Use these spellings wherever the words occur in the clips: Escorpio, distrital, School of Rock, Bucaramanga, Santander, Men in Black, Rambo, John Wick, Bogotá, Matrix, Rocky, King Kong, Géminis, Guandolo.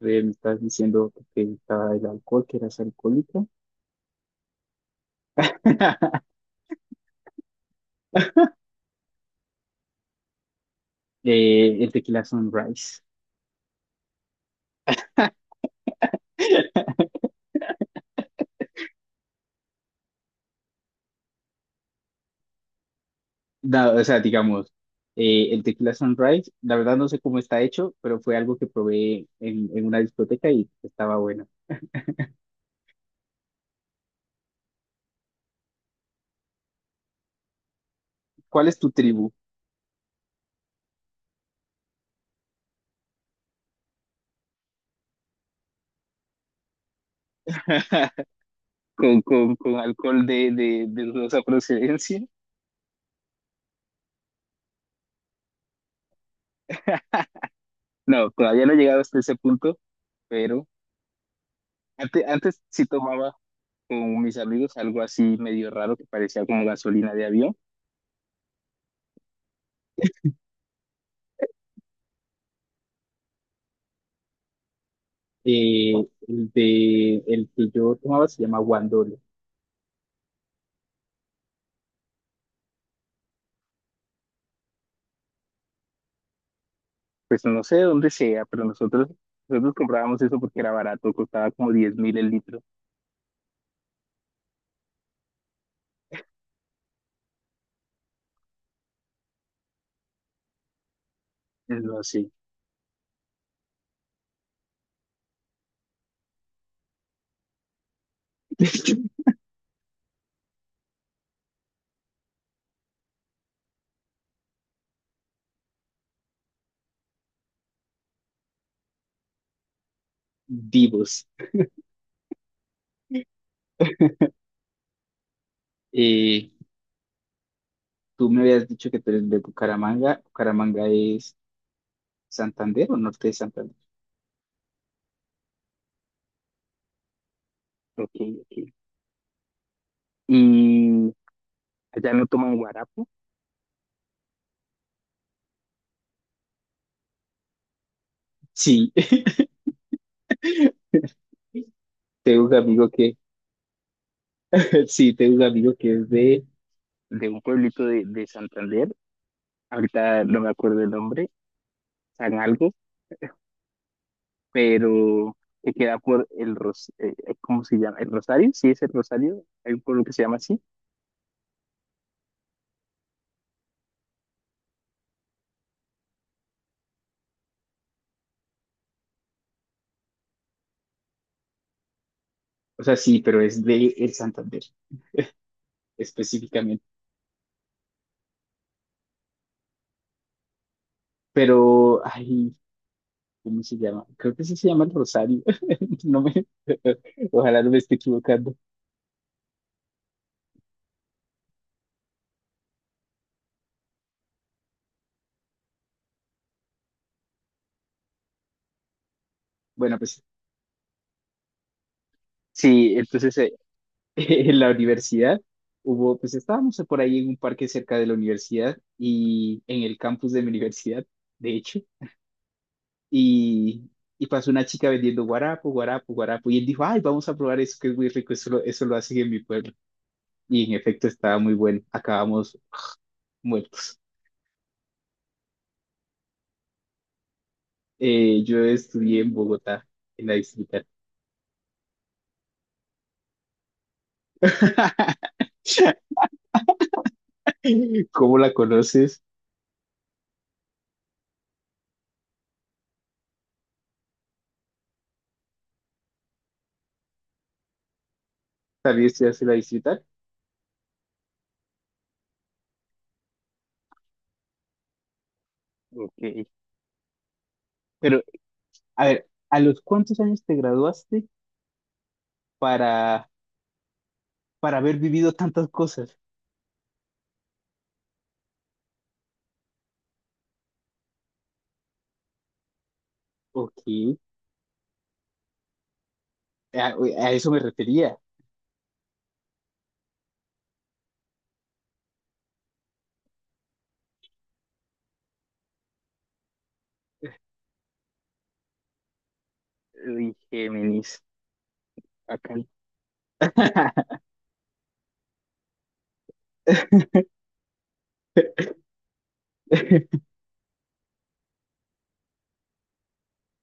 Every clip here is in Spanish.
Me estás diciendo que te gustaba el alcohol, que eras alcohólico. El tequila sunrise. O sea, digamos, el tequila sunrise, la verdad no sé cómo está hecho, pero fue algo que probé en una discoteca y estaba bueno. ¿Cuál es tu tribu? ¿Con alcohol de dudosa procedencia? No, todavía no he llegado hasta ese punto, pero antes sí tomaba con mis amigos algo así medio raro que parecía como gasolina de avión. Eh, el de el que yo tomaba se llama Guandolo. Pues no sé de dónde sea, pero nosotros comprábamos eso porque era barato, costaba como 10 mil el litro. No sé. Divos. Eh, Tú me habías dicho que tú eres de Bucaramanga. ¿Bucaramanga es Santander o norte de Santander? Ok, ok. ¿Y allá no toman guarapo? Sí, tengo un amigo que, sí, tengo un amigo que es de un pueblito de Santander. Ahorita no me acuerdo el nombre. San algo, pero que queda por el Ros ¿cómo se llama? ¿El Rosario? Sí, es el Rosario, hay un pueblo que se llama así. O sea, sí, pero es de el Santander, específicamente. Pero, ay, ¿cómo se llama? Creo que sí se llama el Rosario. No me, ojalá no me esté equivocando. Bueno, pues sí, entonces, en la universidad hubo, pues estábamos por ahí en un parque cerca de la universidad y en el campus de mi universidad, de hecho. Y, y pasó una chica vendiendo guarapo, guarapo, guarapo, y él dijo, ay, vamos a probar eso que es muy rico, eso lo hacen en mi pueblo. Y en efecto estaba muy bueno, acabamos muertos. Yo estudié en Bogotá, en la distrital. ¿Cómo la conoces? También estudiaste en la distrital. Ok. Pero, a ver, ¿a los cuántos años te graduaste para, para haber vivido tantas cosas? Ok, a eso me refería. Uy, Géminis, acá.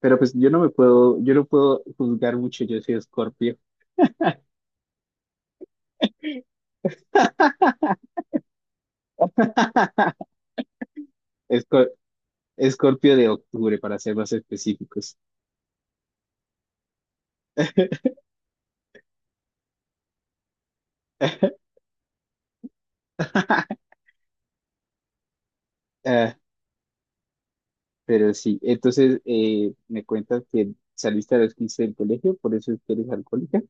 Pero pues yo no puedo juzgar mucho, yo soy Escorpio. Escor- Escorpio de octubre, para ser más específicos. Ah, pero sí, entonces, me cuentas que saliste a los 15 del colegio, por eso es que eres alcohólica.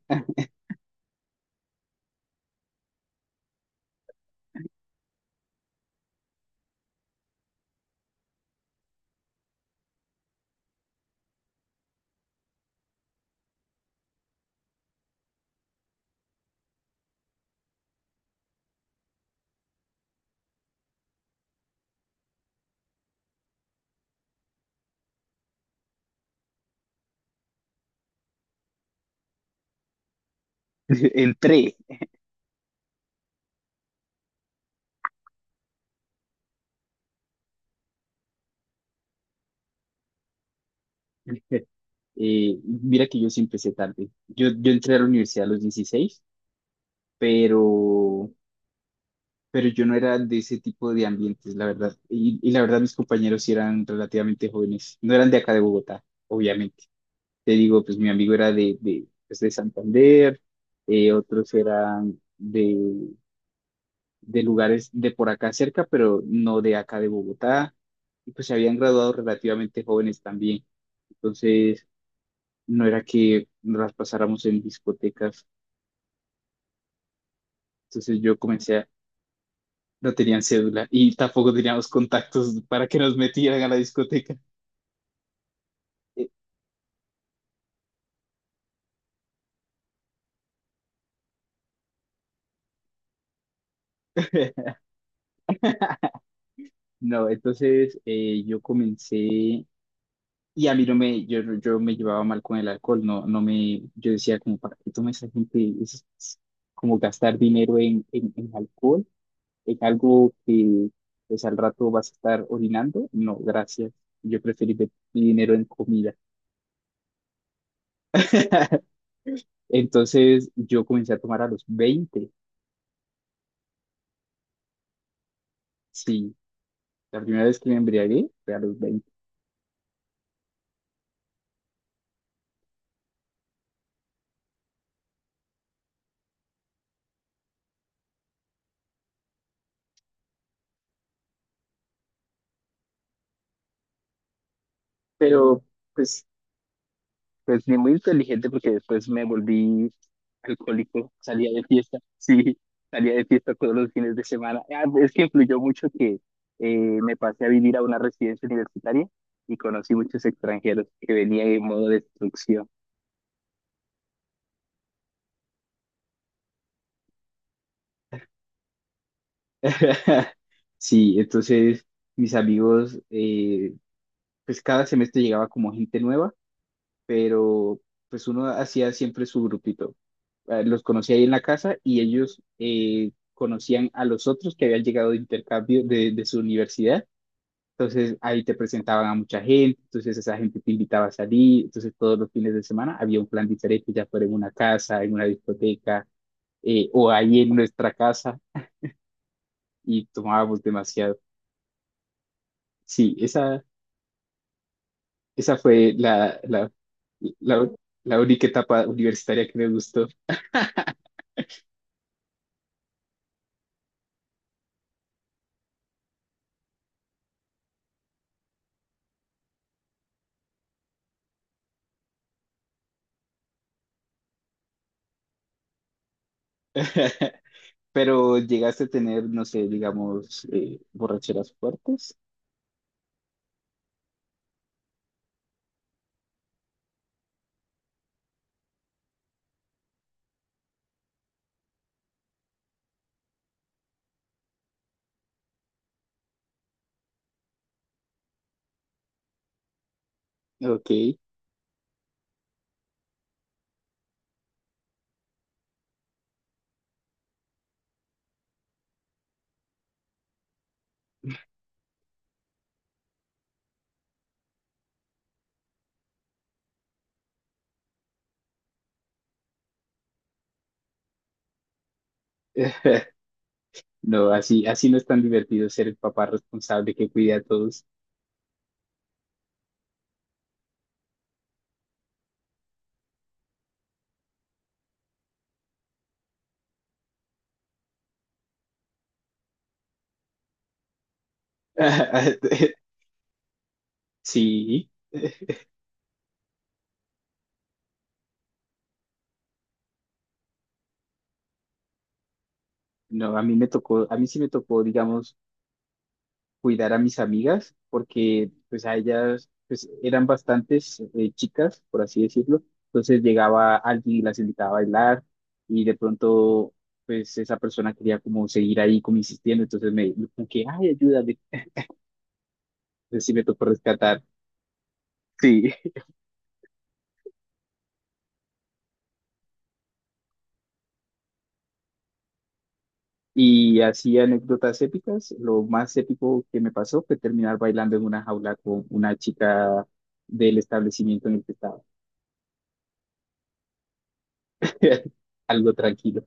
Entré. Mira que yo sí empecé tarde. Yo entré a la universidad a los dieciséis, pero yo no era de ese tipo de ambientes, la verdad. Y la verdad mis compañeros sí eran relativamente jóvenes, no eran de acá de Bogotá, obviamente. Te digo, pues mi amigo era de Santander, otros eran de lugares de por acá cerca, pero no de acá de Bogotá. Y pues se habían graduado relativamente jóvenes también. Entonces, no era que nos las pasáramos en discotecas. Entonces yo comencé a... No tenían cédula y tampoco teníamos contactos para que nos metieran a la discoteca. No, entonces, yo comencé y a mí no me, yo me llevaba mal con el alcohol, no, no me, yo decía como, ¿para qué toma esa gente? Es como gastar dinero en alcohol, en algo que pues al rato vas a estar orinando. No, gracias. Yo preferí ver mi dinero en comida. Entonces yo comencé a tomar a los veinte, sí, la primera vez que me embriagué fue a los veinte, pero pues pues ni muy inteligente porque después me volví alcohólico, salía de fiesta, sí, salía de fiesta todos los fines de semana. Ah, es que influyó mucho que me pasé a vivir a una residencia universitaria y conocí muchos extranjeros que venían en modo destrucción. Sí, entonces mis amigos, pues cada semestre llegaba como gente nueva, pero pues uno hacía siempre su grupito. Los conocía ahí en la casa y ellos conocían a los otros que habían llegado de intercambio de su universidad. Entonces ahí te presentaban a mucha gente, entonces esa gente te invitaba a salir, entonces todos los fines de semana había un plan diferente, ya fuera en una casa, en una discoteca, o ahí en nuestra casa y tomábamos demasiado. Sí, esa fue la, la única etapa universitaria que me gustó. Pero llegaste a tener, no sé, digamos, borracheras fuertes. Ok. No, así no es tan divertido ser el papá responsable que cuida a todos. Sí. No, a mí sí me tocó, digamos, cuidar a mis amigas, porque pues a ellas pues eran bastantes, chicas, por así decirlo. Entonces llegaba alguien y las invitaba a bailar y de pronto pues esa persona quería como seguir ahí como insistiendo, entonces me como que, ay, ayuda, que sí me tocó rescatar. Sí. Y así anécdotas épicas. Lo más épico que me pasó fue terminar bailando en una jaula con una chica del establecimiento en el que estaba. Algo tranquilo.